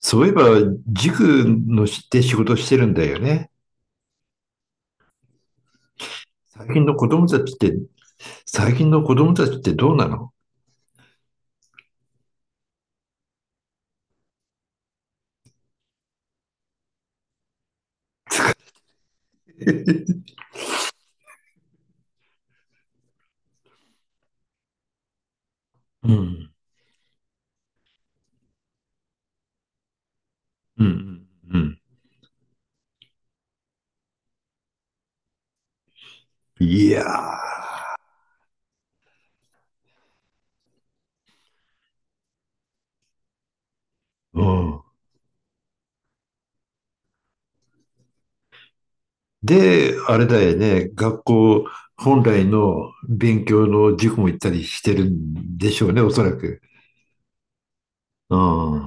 そういえば、塾のしで仕事してるんだよね。最近の子供たちって、最近の子供たちってどうなの？ うん。うん。うん。いやー。うん。で、あれだよね。学校本来の勉強の塾も行ったりしてるんでしょうね、おそらく。うん。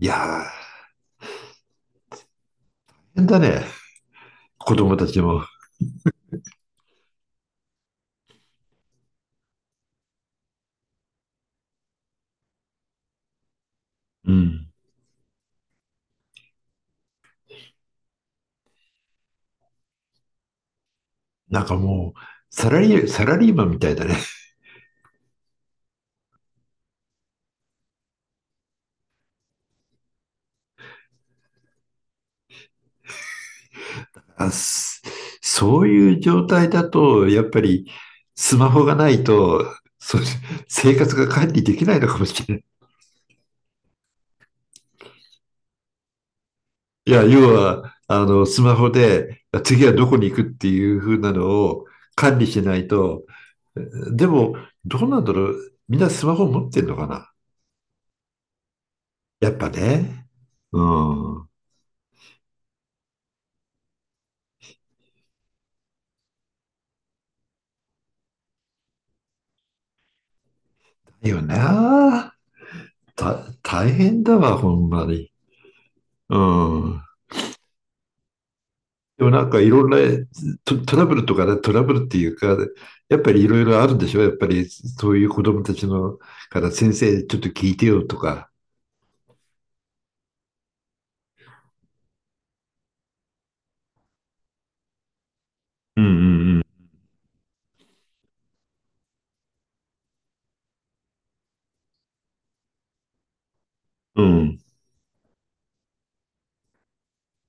いやー、大変だね。子供たちも。うん。なんかもう、サラリーマンみたいだね。あ、すそういう状態だと、やっぱりスマホがないと、そう、生活が管理できないのかもしれない。いや、要は、スマホで次はどこに行くっていう風なのを管理しないと。でも、どうなんだろう。みんなスマホ持ってんのかな。やっぱね。うん。だよな。大変だわ、ほんまに。うん。でもなんかいろんなトラブルとかね、トラブルっていうか、やっぱりいろいろあるんでしょ。やっぱりそういう子供たちのから先生ちょっと聞いてよとか。うんうんうん。う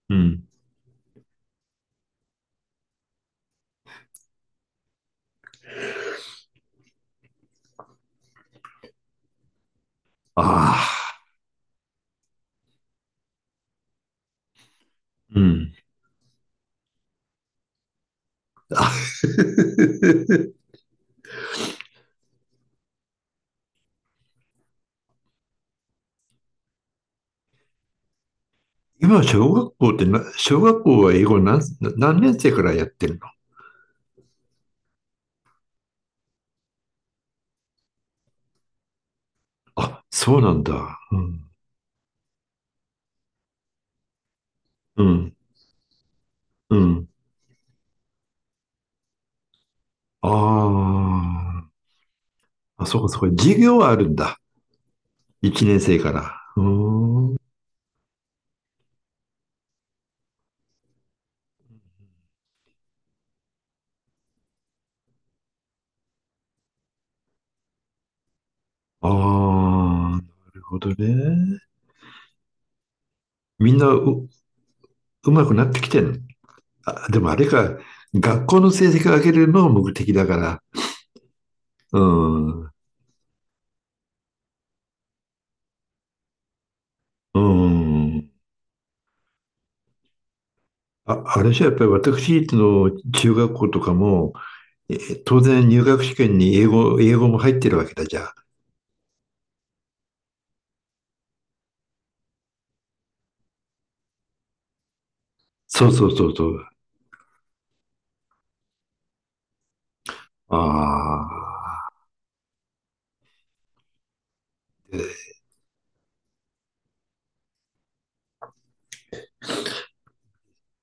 んうんああうん。あ 今小学校ってな、小学校は英語何年生からやってるの？あ、そうなんだ。うん。うんうんああ。あ、そうかそうか。授業はあるんだ。1年生から。うーん。ああ、なるほどね。みんなうまくなってきてん。あ、でもあれか、学校の成績を上げるのが目的だから。うん。うん。あ、あれじゃやっぱり私立の中学校とかも、え当然入学試験に英語も入ってるわけだじゃん。そうそうそうそう。ああ。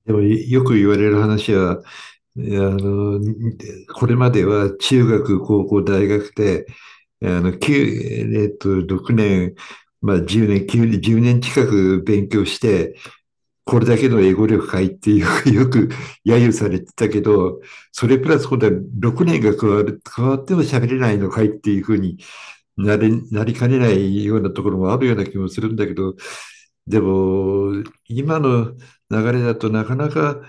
でもよく言われる話は、あの、これまでは中学、高校、大学で、あの、きゅうえっと、6年、まあ、10年、9ゅ1年近く勉強して、これだけの英語力かいってよく揶揄されてたけど、それプラス今度は6年が加わっても喋れないのかいっていうふうになりかねないようなところもあるような気もするんだけど、でも今の流れだとなかなか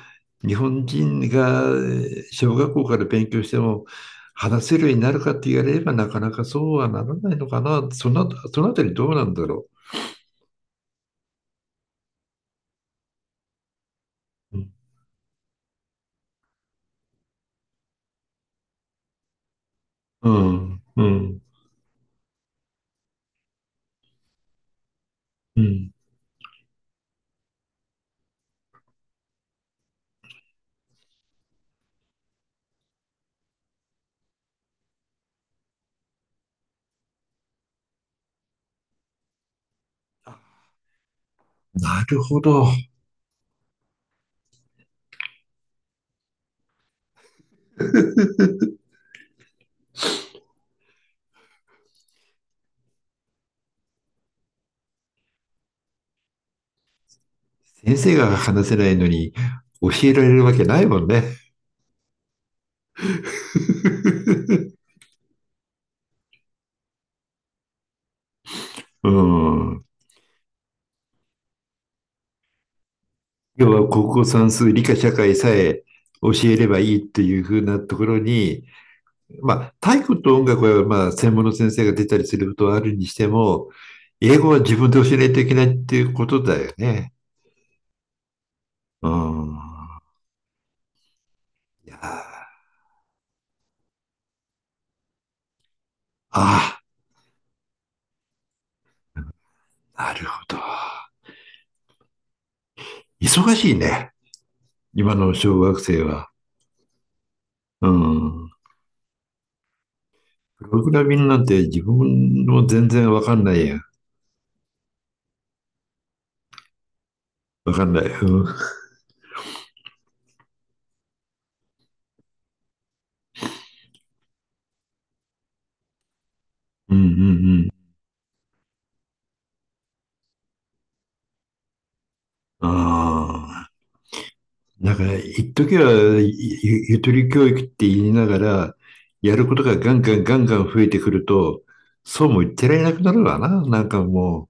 日本人が小学校から勉強しても話せるようになるかって言われればなかなかそうはならないのかな。そのあたりどうなんだろう。うん、うん、うん。なるほど。先生が話せないのに教えられるわけないもんね。うん。要は国語算数、理科社会さえ教えればいいっていう風なところに、まあ、体育と音楽はまあ専門の先生が出たりすることはあるにしても、英語は自分で教えないといけないっていうことだよね。うん。いやああ、なるほど。忙しいね。今の小学生は。うん。プログラミングなんて自分も全然わかんないや。わかんない。うん、うん、うんうん。ああ。なんか、一時はゆとり教育って言いながら、やることがガンガンガンガン増えてくると、そうも言ってられなくなるわな。なんかも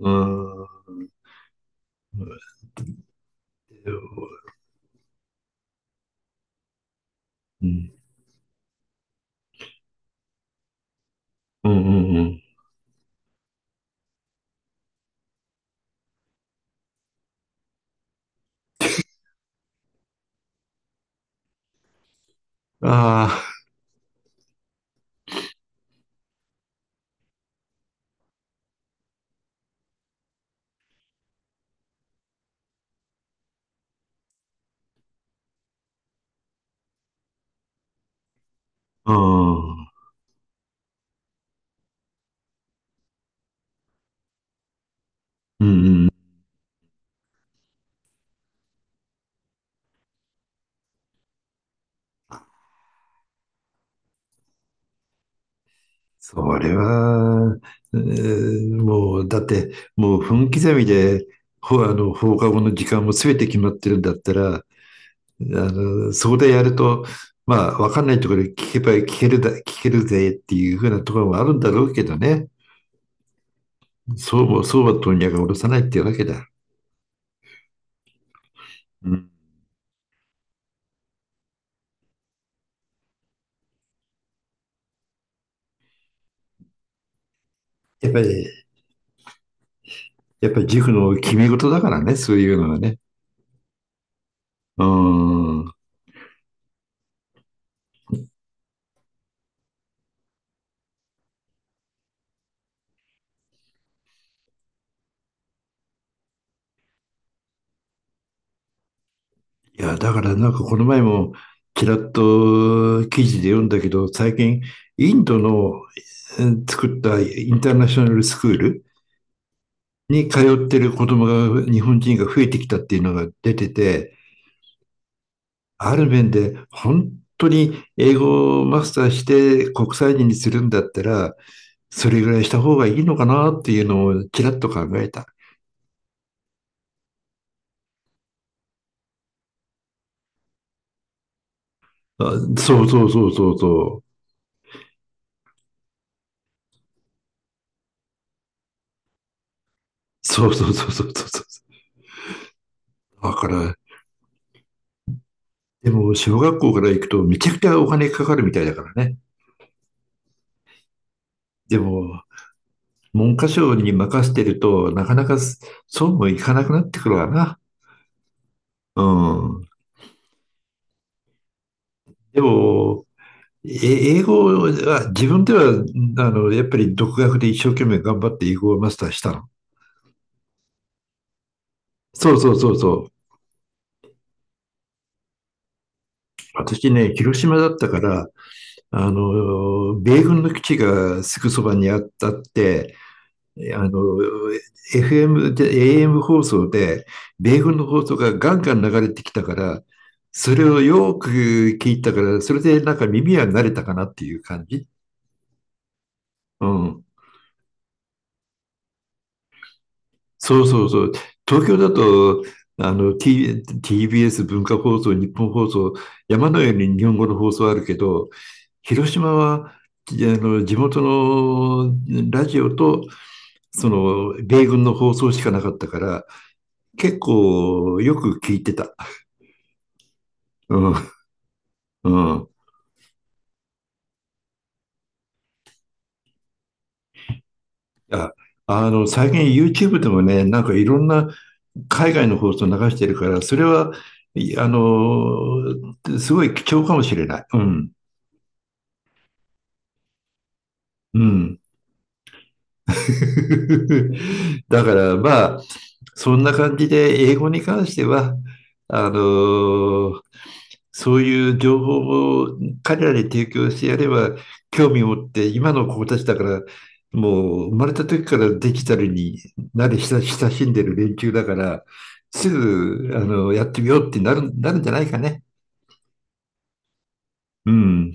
う、うーん、うん、うん、うんうん。ああ、うん、うん、うん。それは、もう、だって、もう分刻みで、ほ、あの、放課後の時間も全て決まってるんだったら、そこでやると、まあ、わかんないところで聞けば聞けるぜっていうふうなところもあるんだろうけどね。そうも、そうは問屋が下ろさないっていうわけだ。うん。やっぱり、やっぱり塾の決め事だからね、そういうのはね。うん。いや、だからなんかこの前も、ちらっと記事で読んだけど、最近、インドの作ったインターナショナルスクールに通ってる子供が、日本人が増えてきたっていうのが出てて、ある面で本当に英語をマスターして国際人にするんだったら、それぐらいした方がいいのかなっていうのをちらっと考えた。あ、そうそうそうそうそう。そうそうそうそうそうそう。だから、でも小学校から行くとめちゃくちゃお金かかるみたいだからね。でも、文科省に任せてると、なかなかそうもいかなくなってくるわな。うん。でも、英語は、自分では、やっぱり独学で一生懸命頑張って英語をマスターしたの。そうそうそうそう。私ね、広島だったから、米軍の基地がすぐそばにあったって、あの、FM で、AM 放送で、米軍の放送がガンガン流れてきたから、それをよく聞いたから、それでなんか耳は慣れたかなっていう感じ。うん。そうそうそう。東京だと、TBS 文化放送、日本放送、山のように日本語の放送あるけど、広島は、じあの、地元のラジオと、米軍の放送しかなかったから、結構よく聞いてた。うん、うん。あ、最近 YouTube でもね、なんかいろんな海外の放送流してるから、それは、いあの、すごい貴重かもしれない。うん、うん。だからまあ、そんな感じで英語に関しては、あのーそういう情報を彼らに提供してやれば、興味を持って今の子たちだから、もう生まれた時からデジタルに慣れ親しんでる連中だから、すぐ、やってみようってなるんじゃないかね。うん。